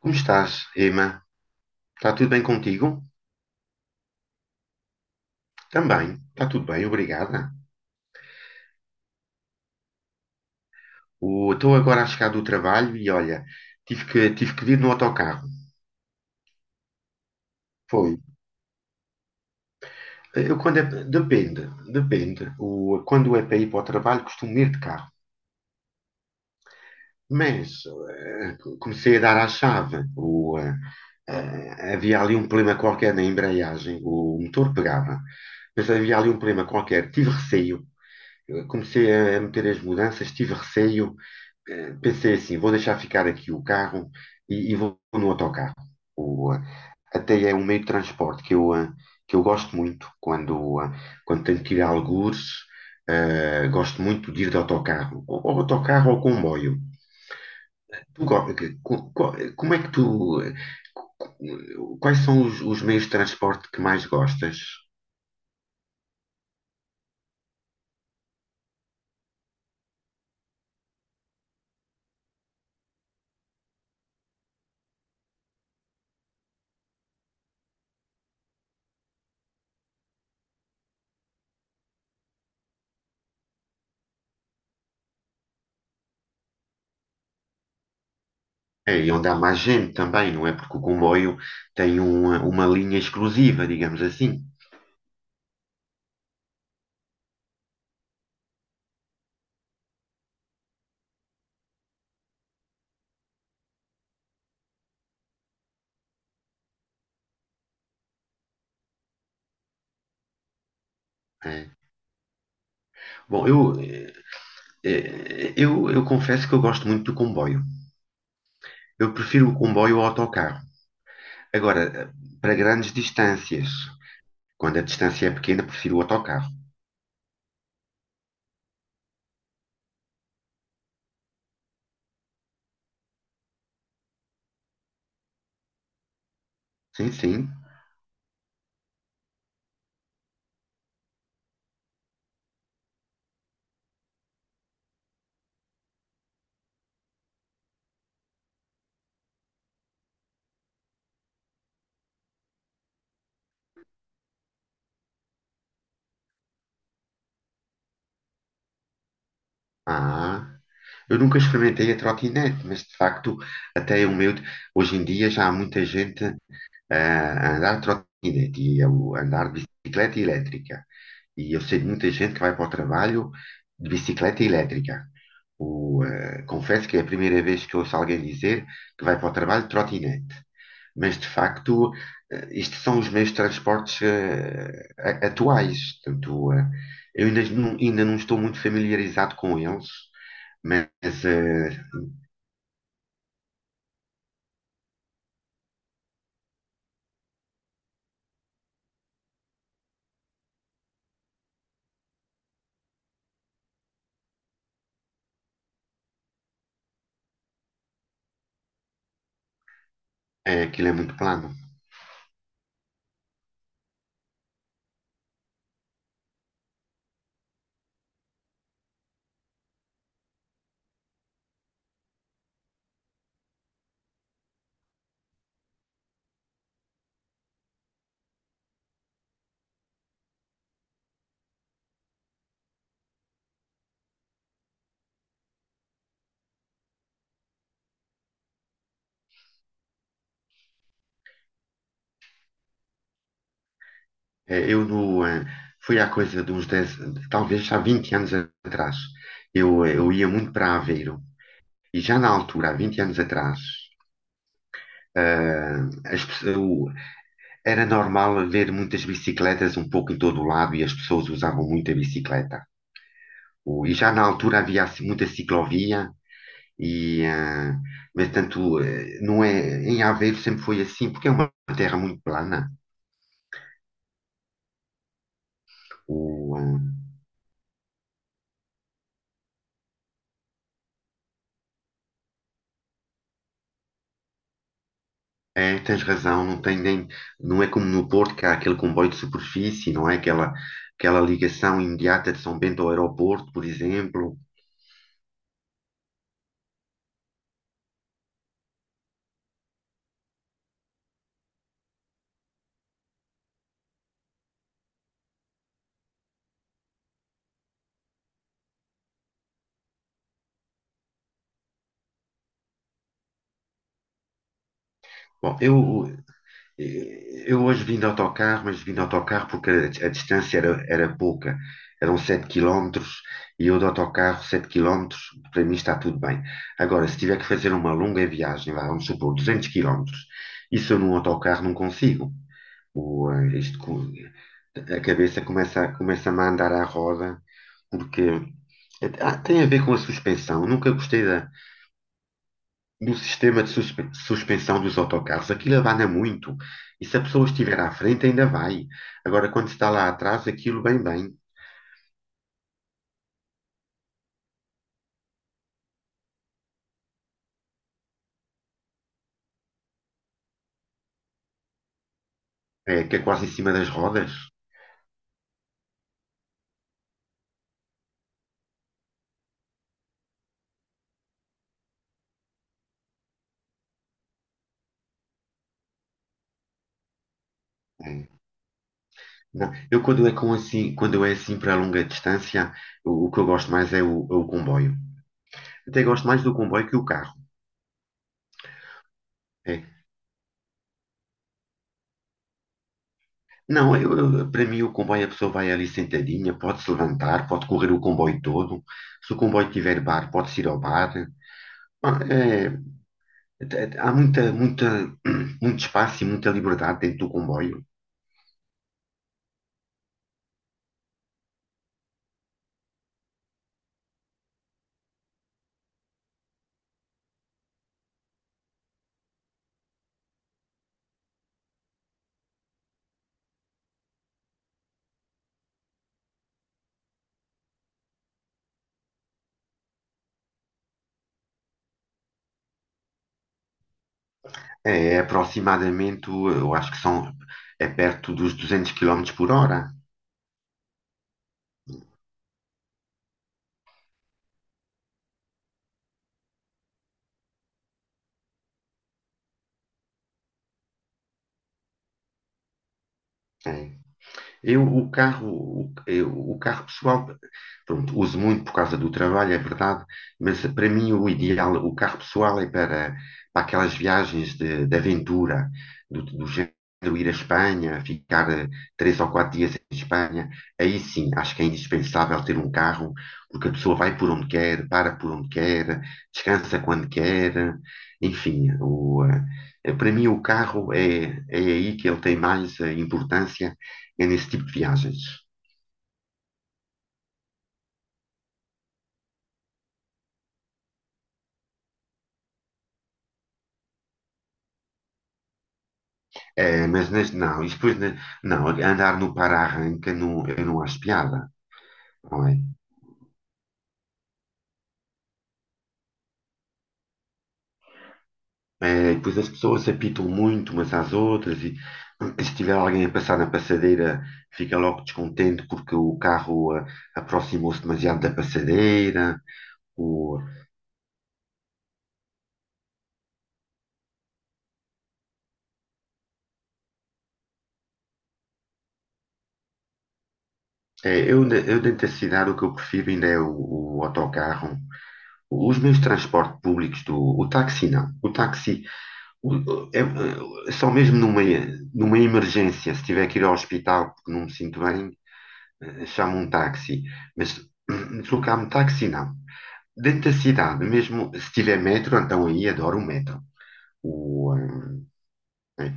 Como estás, Emma? Está tudo bem contigo? Também, está tudo bem, obrigada. Estou agora a chegar do trabalho e olha, tive que vir no autocarro. Foi. Eu, depende, depende. Quando é para ir para o trabalho, costumo ir de carro. Mas comecei a dar à chave. Havia ali um problema qualquer na embreagem, o motor pegava, mas havia ali um problema qualquer. Tive receio. Eu comecei a meter as mudanças, tive receio. Pensei assim: vou deixar ficar aqui o carro e vou no autocarro. O, eh, Até é um meio de transporte que eu gosto muito quando tenho que ir a algures. Gosto muito de ir de autocarro, ou autocarro ou comboio. Tu go- que- co- co- Como é que tu. Eh, co- Quais são os meios de transporte que mais gostas? É, e onde há mais gente também, não é? Porque o comboio tem uma linha exclusiva, digamos assim. É. Bom, eu confesso que eu gosto muito do comboio. Eu prefiro o comboio ao autocarro. Agora, para grandes distâncias, quando a distância é pequena, prefiro o autocarro. Sim, sim. Ah. Eu nunca experimentei a trotinete, mas de facto, até o meu. Hoje em dia já há muita gente a andar de trotinete e a andar de bicicleta elétrica. E eu sei de muita gente que vai para o trabalho de bicicleta elétrica. Confesso que é a primeira vez que ouço alguém dizer que vai para o trabalho de trotinete. Mas de facto, isto são os meios de transportes atuais. Portanto, eu ainda não estou muito familiarizado com eles, mas aquilo é muito plano. Eh, eu no, eh, Foi há coisa de uns 10, talvez há 20 anos atrás. Eu ia muito para Aveiro e já na altura, há 20 anos atrás, eh, as pe- o- era normal ver muitas bicicletas um pouco em todo o lado e as pessoas usavam muito a bicicleta. E já na altura havia assim, muita ciclovia, e, mas tanto, não é, em Aveiro sempre foi assim, porque é uma terra muito plana. O, ah, É, tens razão, não tem nem, não é como no Porto, que há aquele comboio de superfície, não é aquela ligação imediata de São Bento ao aeroporto, por exemplo. Bom, eu hoje vim de autocarro, mas vim de autocarro porque a distância era pouca. Eram 7 quilómetros e eu de autocarro, 7 quilómetros para mim está tudo bem. Agora, se tiver que fazer uma longa viagem, vá, vamos supor, 200 quilómetros, isso eu num autocarro não consigo. O, eh, isto co- A cabeça começa-me a andar à roda, porque tem a ver com a suspensão. Eu nunca gostei no sistema de suspensão dos autocarros, aquilo abana muito. E se a pessoa estiver à frente, ainda vai. Agora, quando está lá atrás, aquilo bem, bem. É, que é quase em cima das rodas. É. Não, eu quando é assim para longa distância, o que eu gosto mais é o comboio. Até gosto mais do comboio que o carro. É. Não, para mim o comboio a pessoa vai ali sentadinha, pode se levantar, pode correr o comboio todo. Se o comboio tiver bar, pode se ir ao bar. Ah, é, Há muito espaço e muita liberdade dentro do comboio. É aproximadamente, eu acho que é perto dos 200 quilómetros por hora. É. Eu, o carro pessoal, pronto, uso muito por causa do trabalho, é verdade, mas para mim o ideal, o carro pessoal é para aquelas viagens de aventura, do género ir à Espanha, ficar 3 ou 4 dias em Espanha. Aí sim, acho que é indispensável ter um carro, porque a pessoa vai por onde quer, para por onde quer, descansa quando quer, enfim, para mim o carro é aí que ele tem mais importância é nesse tipo de viagens. É, mas não, e depois não, andar no para-arranca não, eu não acho piada, não é? É, e depois as pessoas apitam muito umas às outras e se tiver alguém a passar na passadeira fica logo descontente porque o carro aproximou-se demasiado da passadeira. O, é, eu, na- eu dentro da cidade o que eu prefiro ainda é o autocarro. Os meus transportes públicos o táxi não. O táxi é só mesmo numa emergência, se tiver que ir ao hospital porque não me sinto bem, chamo um táxi. Mas deslocar-me de táxi, não. Dentro da cidade, mesmo se tiver metro, então aí adoro o metro. O, eh, é.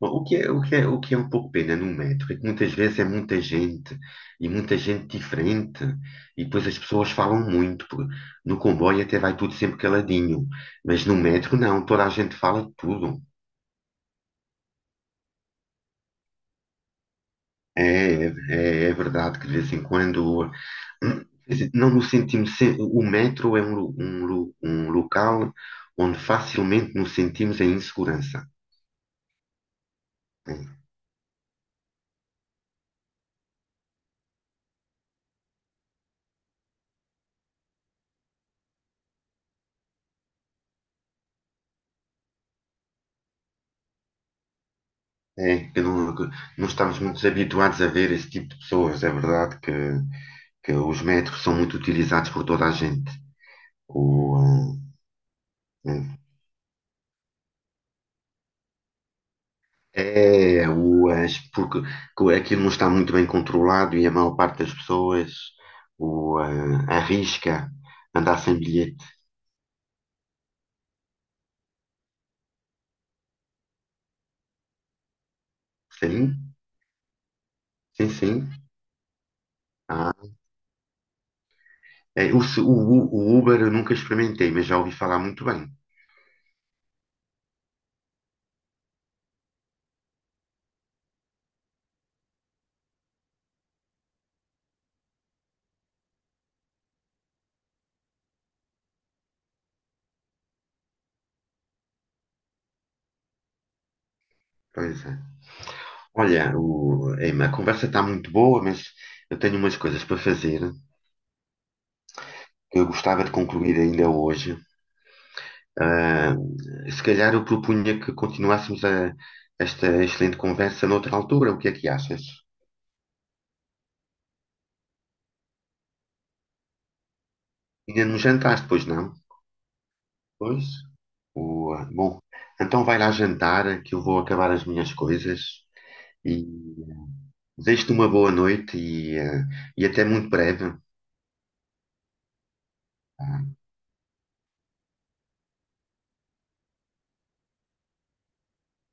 O que é, o que é, o que é um pouco pena no metro é que muitas vezes é muita gente e muita gente diferente e depois as pessoas falam muito. Porque No comboio até vai tudo sempre caladinho, mas no metro não, toda a gente fala de tudo. É verdade que de vez em quando, quer dizer, não no sentimos, se- o metro é um local onde facilmente nos sentimos em insegurança. Né? É, que não estamos muito habituados a ver esse tipo de pessoas. É verdade que os metros são muito utilizados por toda a gente. O, ah, é, o, as- porque que aquilo não está muito bem controlado e a maior parte das pessoas arrisca andar sem bilhete. Sim, sim, sim. Ah, é, o, su- o, o Uber eu nunca experimentei, mas já ouvi falar muito bem. Pois é. Olha, Emma, a conversa está muito boa, mas eu tenho umas coisas para fazer que eu gostava de concluir ainda hoje. Ah, Se calhar eu propunha que continuássemos esta excelente conversa noutra altura. O que é que achas? Ainda não jantaste, pois não? Pois? Bom, então vai lá jantar, que eu vou acabar as minhas coisas e desejo-te uma boa noite e até muito breve.